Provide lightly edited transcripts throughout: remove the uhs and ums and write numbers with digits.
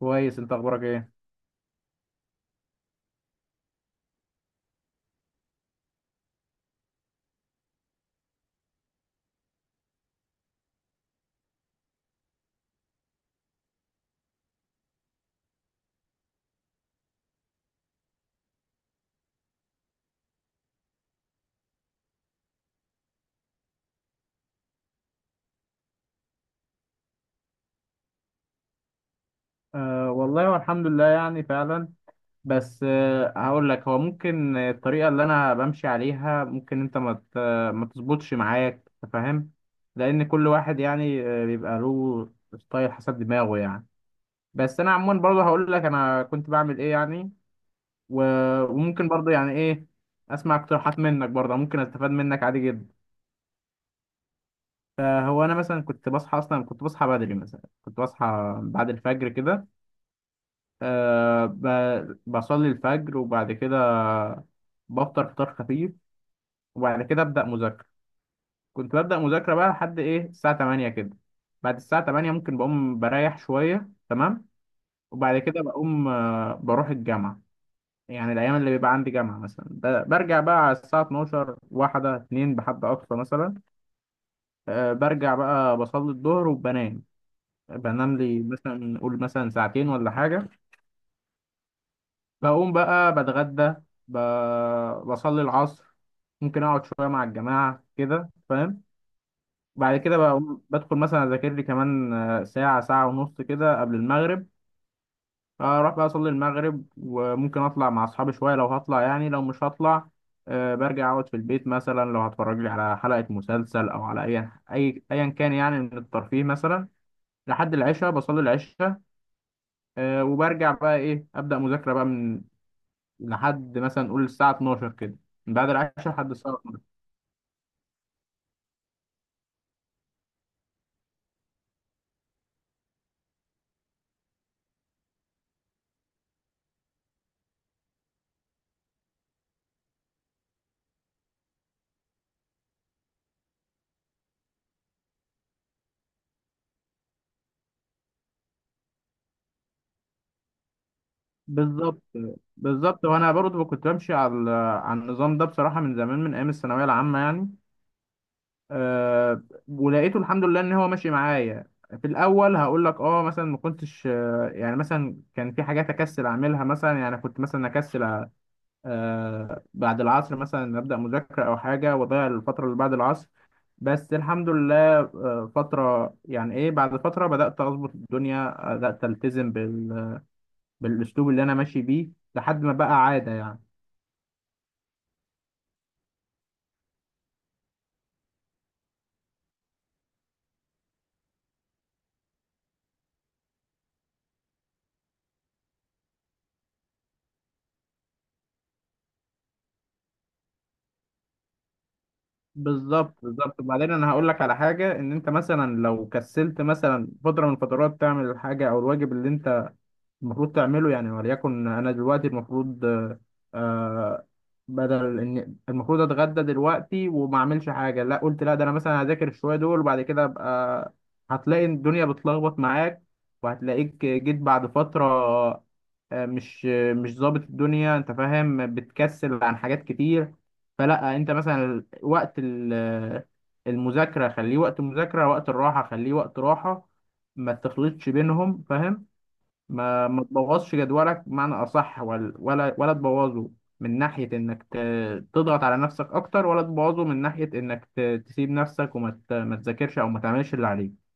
كويس انت اخبارك ايه؟ والله والحمد لله يعني فعلا. بس هقول لك، هو ممكن الطريقه اللي انا بمشي عليها ممكن انت ما تظبطش معاك. أنت فاهم؟ لان كل واحد يعني بيبقى له ستايل حسب دماغه يعني. بس انا عموما برضه هقول لك انا كنت بعمل ايه يعني. وممكن برضه يعني ايه، اسمع اقتراحات منك برضه، ممكن استفاد منك عادي جدا. هو انا مثلا كنت بصحى، اصلا كنت بصحى بدري، مثلا كنت بصحى بعد الفجر كده. أه بصلي الفجر وبعد كده بفطر فطار خفيف وبعد كده أبدأ مذاكرة. كنت ببدأ مذاكرة بقى لحد إيه الساعة 8 كده. بعد الساعة 8 ممكن بقوم بريح شوية. تمام. وبعد كده بقوم بروح الجامعة. يعني الأيام اللي بيبقى عندي جامعة مثلا برجع بقى على الساعة 12، واحدة اتنين بحد أقصى مثلا. أه برجع بقى بصلي الظهر وبنام. بنام لي مثلا، قول مثلا ساعتين ولا حاجة. بقوم بقى بتغدى، ب... بصلي العصر. ممكن اقعد شويه مع الجماعه كده، فاهم. بعد كده بقوم بدخل مثلا اذاكر لي كمان ساعه ساعه ونص كده قبل المغرب. اروح بقى اصلي المغرب وممكن اطلع مع اصحابي شويه لو هطلع، يعني لو مش هطلع برجع اقعد في البيت، مثلا لو هتفرج لي على حلقه مسلسل او على اي ايا كان يعني من الترفيه مثلا. لحد العشاء بصلي العشاء. وبرجع بقى ايه ابدا مذاكره بقى من... لحد مثلا نقول الساعة 12 كده. من بعد العشاء لحد الساعة 12. بالظبط بالظبط. وأنا برضه كنت بمشي على على النظام ده بصراحة، من زمان من أيام الثانوية العامة يعني. أه ولقيته الحمد لله إن هو ماشي معايا. في الأول هقول لك أه مثلا ما كنتش يعني مثلا كان في حاجات أكسل أعملها مثلا، يعني كنت مثلا أكسل بعد العصر مثلا أبدأ مذاكرة أو حاجة وأضيع الفترة اللي بعد العصر. بس الحمد لله فترة يعني ايه، بعد فترة بدأت أظبط الدنيا، بدأت ألتزم بالأسلوب اللي أنا ماشي بيه، لحد ما بقى عادة يعني. بالظبط بالظبط. وبعدين أنا هقول لك على حاجة، إن أنت مثلا لو كسلت مثلا فترة من الفترات تعمل الحاجة أو الواجب اللي أنت المفروض تعمله يعني، وليكن انا دلوقتي المفروض آه، بدل ان المفروض اتغدى دلوقتي وما اعملش حاجه، لا قلت لا ده انا مثلا هذاكر الشويه دول وبعد كده ابقى... هتلاقي الدنيا بتلخبط معاك وهتلاقيك جيت بعد فتره آه، مش مش ظابط الدنيا، انت فاهم، بتكسل عن حاجات كتير. فلا انت مثلا وقت المذاكره خليه وقت مذاكره، وقت الراحه خليه وقت راحه. ما تخلطش بينهم فاهم. ما تبوظش جدولك بمعنى اصح، ولا ولا تبوظه من ناحيه انك تضغط على نفسك اكتر، ولا تبوظه من ناحيه انك تسيب نفسك وما ت- ما تذاكرش او ما تعملش اللي عليك.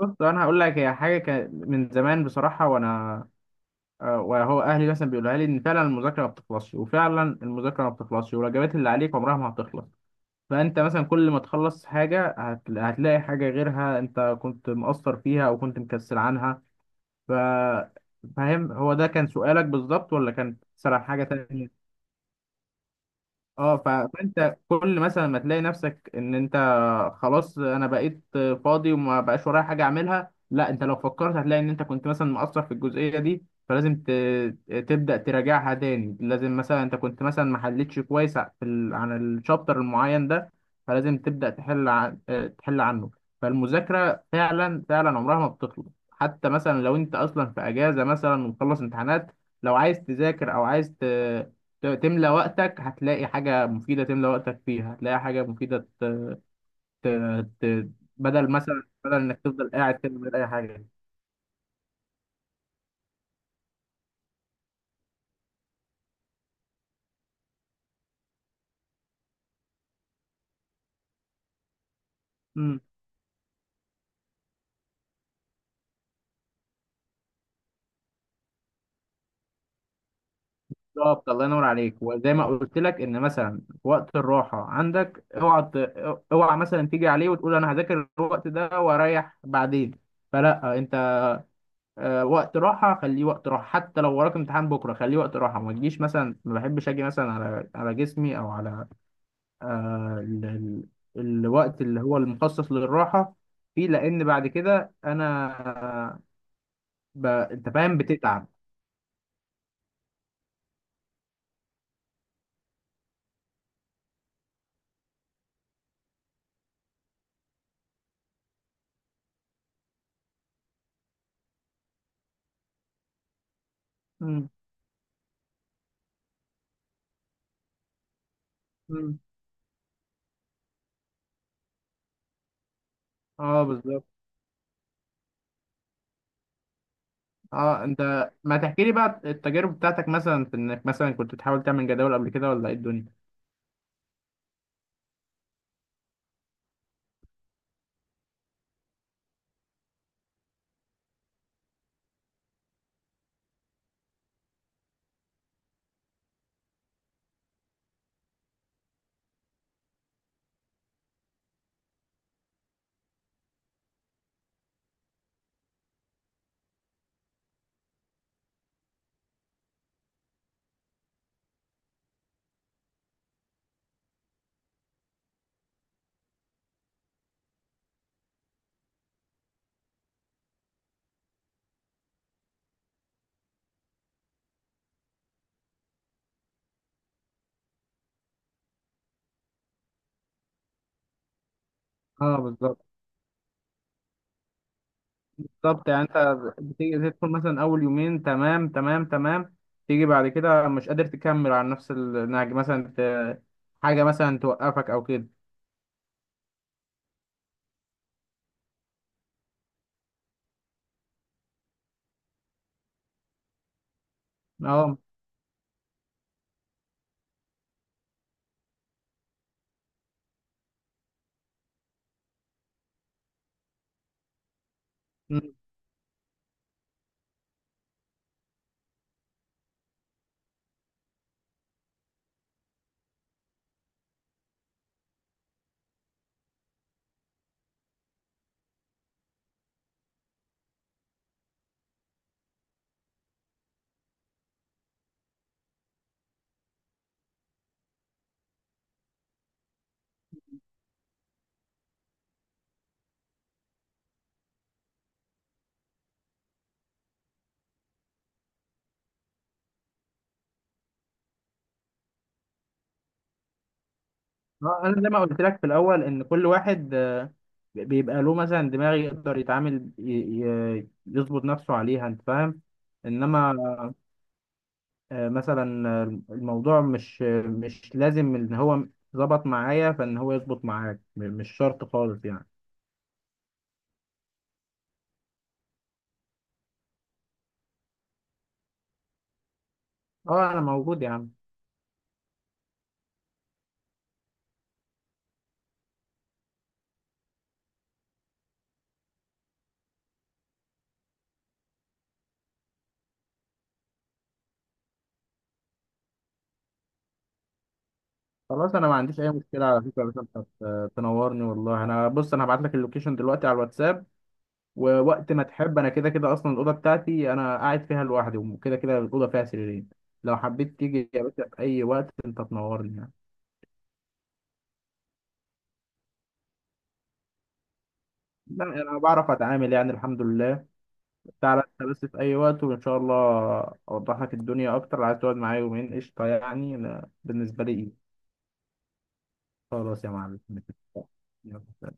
بص انا هقول لك هي حاجه كان من زمان بصراحه. وانا وهو اهلي مثلا بيقولها لي ان فعلا المذاكره ما بتخلصش، وفعلا المذاكره ما بتخلصش، والواجبات اللي عليك عمرها ما هتخلص. فانت مثلا كل ما تخلص حاجه هتلاقي حاجه غيرها انت كنت مقصر فيها او كنت مكسل عنها. ف... فاهم هو ده كان سؤالك بالظبط ولا كان سرح حاجة تانية؟ اه فانت كل مثلا ما تلاقي نفسك ان انت خلاص انا بقيت فاضي وما بقاش ورايا حاجه اعملها، لا انت لو فكرت هتلاقي ان انت كنت مثلا مقصر في الجزئيه دي، فلازم تبدا تراجعها تاني. لازم مثلا انت كنت مثلا ما حلتش كويس في عن الشابتر المعين ده، فلازم تبدا تحل تحل عنه. فالمذاكره فعلا فعلا عمرها ما بتخلص، حتى مثلا لو انت اصلا في اجازه مثلا ومخلص امتحانات، لو عايز تذاكر او عايز تملى وقتك هتلاقي حاجة مفيدة تملى وقتك فيها، هتلاقي حاجة مفيدة ت... ت... بدل مثلا بدل إنك تفضل قاعد كده من غير أي حاجة. امم بالظبط. الله ينور عليك. وزي ما قلت لك ان مثلا في وقت الراحه عندك اوعى اوعى مثلا تيجي عليه وتقول انا هذاكر الوقت ده واريح بعدين. فلا انت وقت راحه خليه وقت راحه، حتى لو وراك امتحان بكره خليه وقت راحه. ما تجيش مثلا، ما بحبش اجي مثلا على على جسمي او على آه، ال- ال- الوقت اللي هو المخصص للراحة فيه، لأن بعد كده أنا أنت فاهم بتتعب. مم. مم. أه بالظبط. أه أنت ما تحكي لي بقى التجارب بتاعتك مثلا، في إنك مثلا كنت بتحاول تعمل جداول قبل كده ولا إيه الدنيا؟ أه بالظبط بالظبط. يعني أنت بتيجي تدخل مثلا أول يومين تمام تمام تمام. تيجي بعد كده مش قادر تكمل على نفس النهج، مثلا حاجة مثلا توقفك أو كده. أه، اه، انا زي ما قلت لك في الاول ان كل واحد بيبقى له مثلا دماغ يقدر يتعامل يظبط نفسه عليها انت فاهم. انما مثلا الموضوع مش لازم ان هو ظبط معايا فان هو يظبط معاك، مش شرط خالص يعني. اه انا موجود يا عم. خلاص انا ما عنديش اي مشكله على فكره. بس انت تنورني والله. انا بص انا هبعت لك اللوكيشن دلوقتي على الواتساب. ووقت ما تحب، انا كده كده اصلا الاوضه بتاعتي انا قاعد فيها لوحدي، وكده كده الاوضه فيها سريرين. لو حبيت تيجي يا باشا في اي وقت، انت تنورني يعني. لا انا بعرف اتعامل يعني الحمد لله. تعالى انت بس في اي وقت وان شاء الله اوضح لك الدنيا اكتر. لو عايز تقعد معايا يومين قشطه يعني، انا بالنسبه لي إيه. خلاص يا معلم. يلا سلام.